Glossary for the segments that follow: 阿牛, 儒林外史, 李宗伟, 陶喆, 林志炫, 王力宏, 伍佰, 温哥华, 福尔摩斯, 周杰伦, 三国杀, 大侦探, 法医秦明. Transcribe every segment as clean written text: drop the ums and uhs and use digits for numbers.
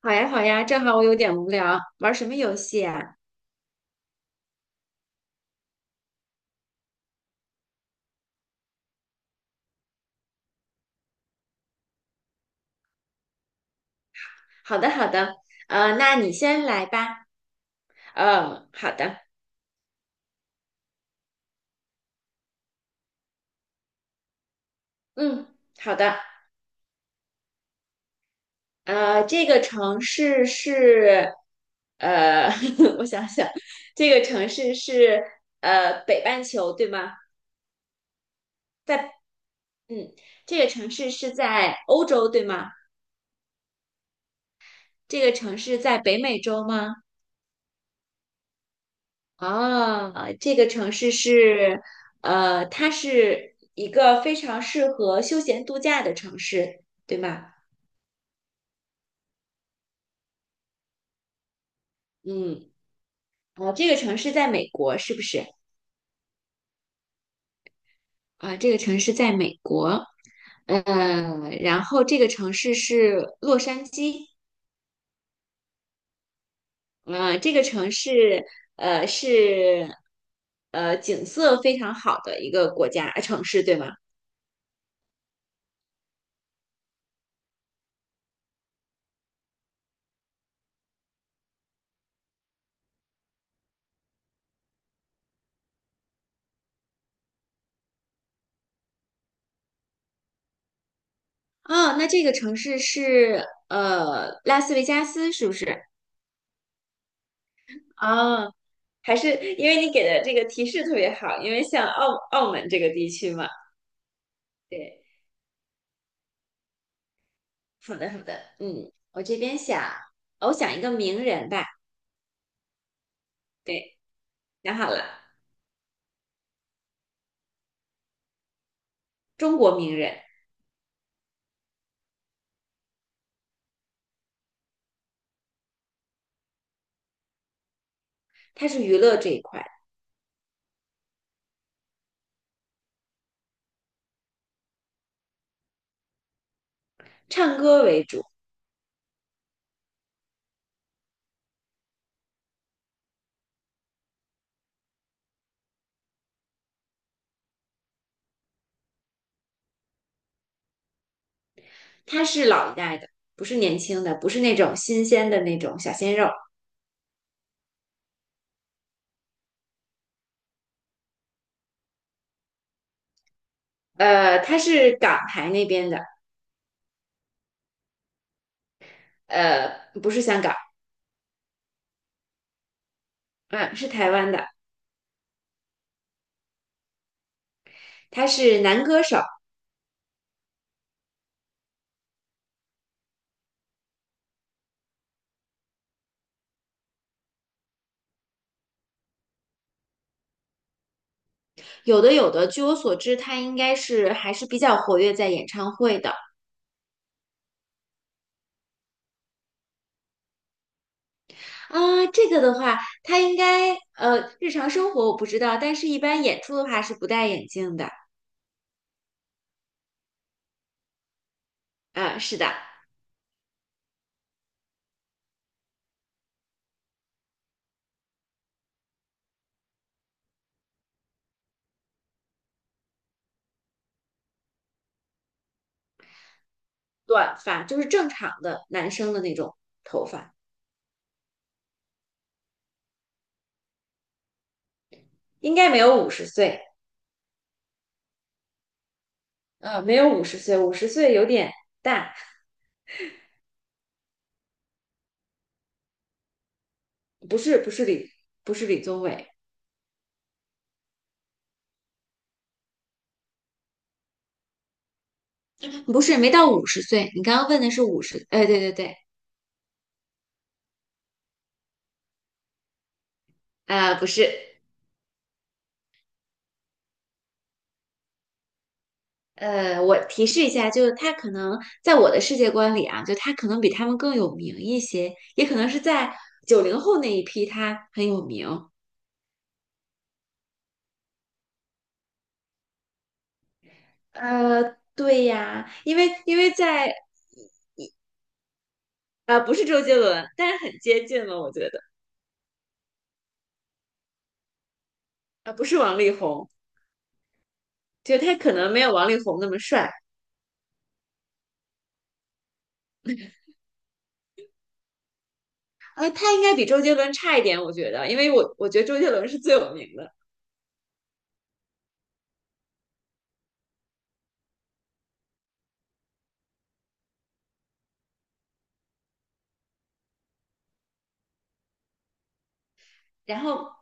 好呀，好呀，正好我有点无聊，玩什么游戏啊？好的，好的，那你先来吧。嗯，好的，嗯，好的。这个城市是，呃，我想想，这个城市是北半球对吗？在，嗯，这个城市是在欧洲对吗？这个城市在北美洲吗？啊，这个城市是，它是一个非常适合休闲度假的城市，对吗？嗯，啊，这个城市在美国是不是？啊，这个城市在美国，嗯，然后这个城市是洛杉矶，嗯，这个城市，是，景色非常好的一个国家，城市，对吗？哦，那这个城市是，拉斯维加斯是不是？啊，还是因为你给的这个提示特别好，因为像澳门这个地区嘛，对，好的好的，嗯，我这边想，我想一个名人吧，对，想好了，中国名人，他是娱乐这一块，唱歌为主，他是老一代的，不是年轻的，不是那种新鲜的那种小鲜肉，他是港台那边的，不是香港，嗯，是台湾的，他是男歌手，有的有的，据我所知，他应该是还是比较活跃在演唱会的。啊，这个的话，他应该日常生活我不知道，但是一般演出的话是不戴眼镜的。啊，是的，短发就是正常的男生的那种头发，应该没有五十岁，没有五十岁，五十岁有点大，不是不是李不是李宗伟，不是没到五十岁。你刚刚问的是五十，哎，对对对，啊、不是。我提示一下，就是他可能在我的世界观里啊，就他可能比他们更有名一些，也可能是在90后那一批他很有名。对呀，因为在不是周杰伦，但是很接近了，我觉得。啊、不是王力宏，就他可能没有王力宏那么帅，他应该比周杰伦差一点，我觉得，因为我觉得周杰伦是最有名的。然后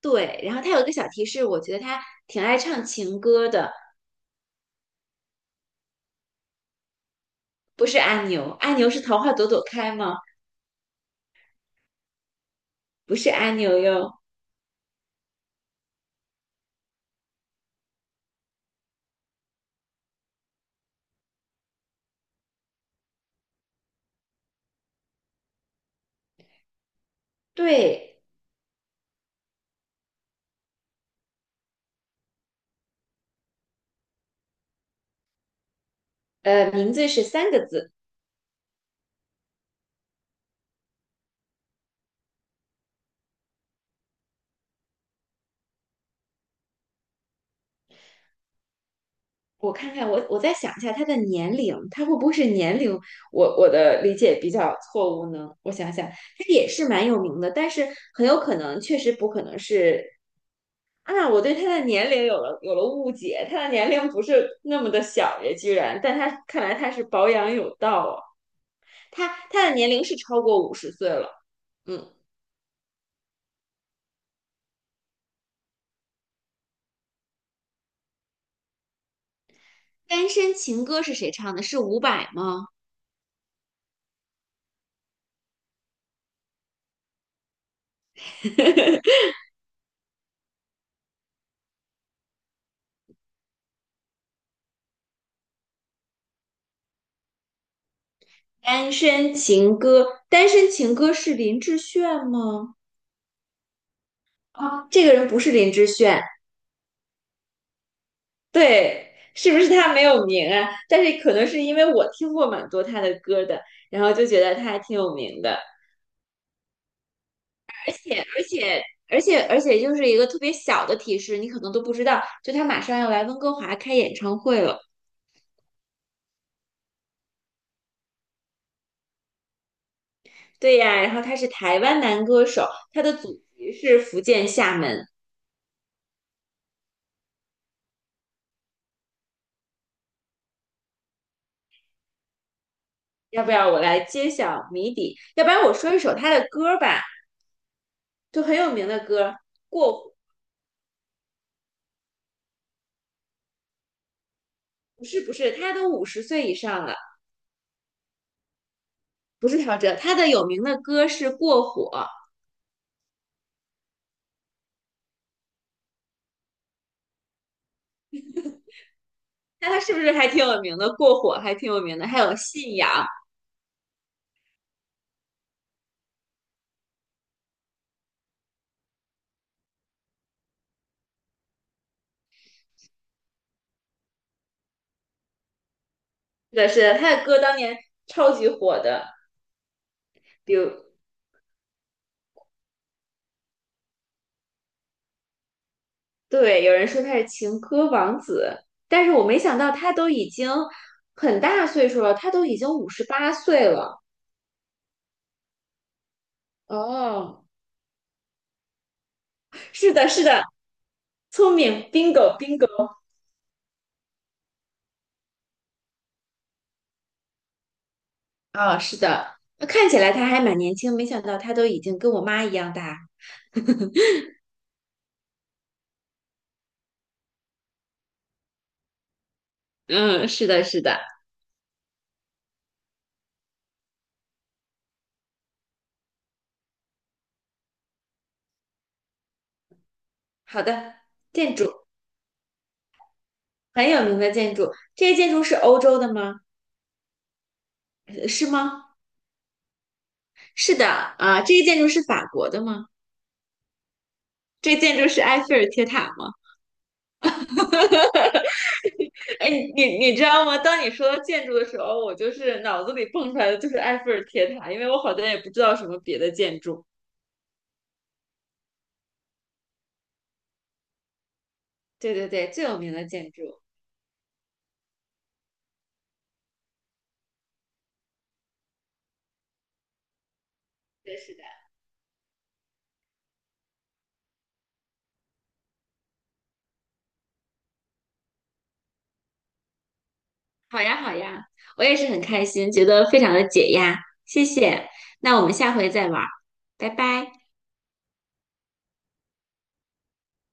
对，然后他有一个小提示，我觉得他挺爱唱情歌的。不是阿牛，阿牛是桃花朵朵开吗？不是阿牛哟。对，名字是3个字。我看看，我再想一下他的年龄，他会不会是年龄？我的理解比较错误呢？我想想，他也是蛮有名的，但是很有可能确实不可能是啊，我对他的年龄有了误解，他的年龄不是那么的小耶，居然，但他看来他是保养有道啊，他的年龄是超过五十岁了，嗯。单身情歌是谁唱的？是伍佰吗？单身情歌，单身情歌是林志炫吗？啊，这个人不是林志炫，对，是不是他没有名啊？但是可能是因为我听过蛮多他的歌的，然后就觉得他还挺有名的，而且而且。而且就是一个特别小的提示，你可能都不知道，就他马上要来温哥华开演唱会了。对呀，然后他是台湾男歌手，他的祖籍是福建厦门。要不要我来揭晓谜底？要不然我说一首他的歌吧，就很有名的歌过火不是不是，他都五十岁以上了，不是陶喆，他的有名的歌是《过火》，那他是不是还挺有名的？《过火》还挺有名的，还有《信仰》，是的，是的，他的歌当年超级火的。比如，对，有人说他是情歌王子，但是我没想到他都已经很大岁数了，他都已经58岁了。哦，是的，是的，聪明，bingo bingo。啊，是的，那看起来他还蛮年轻，没想到他都已经跟我妈一样大。嗯，是的，是的。好的，建筑。很有名的建筑，这些建筑是欧洲的吗？呃是吗？是的，啊，这个建筑是法国的吗？这建筑是埃菲尔铁塔吗？哎，你你知道吗？当你说到建筑的时候，我就是脑子里蹦出来的就是埃菲尔铁塔，因为我好像也不知道什么别的建筑。对对对，最有名的建筑。对，是的。好呀，好呀，我也是很开心，觉得非常的解压，谢谢。那我们下回再玩儿，拜拜。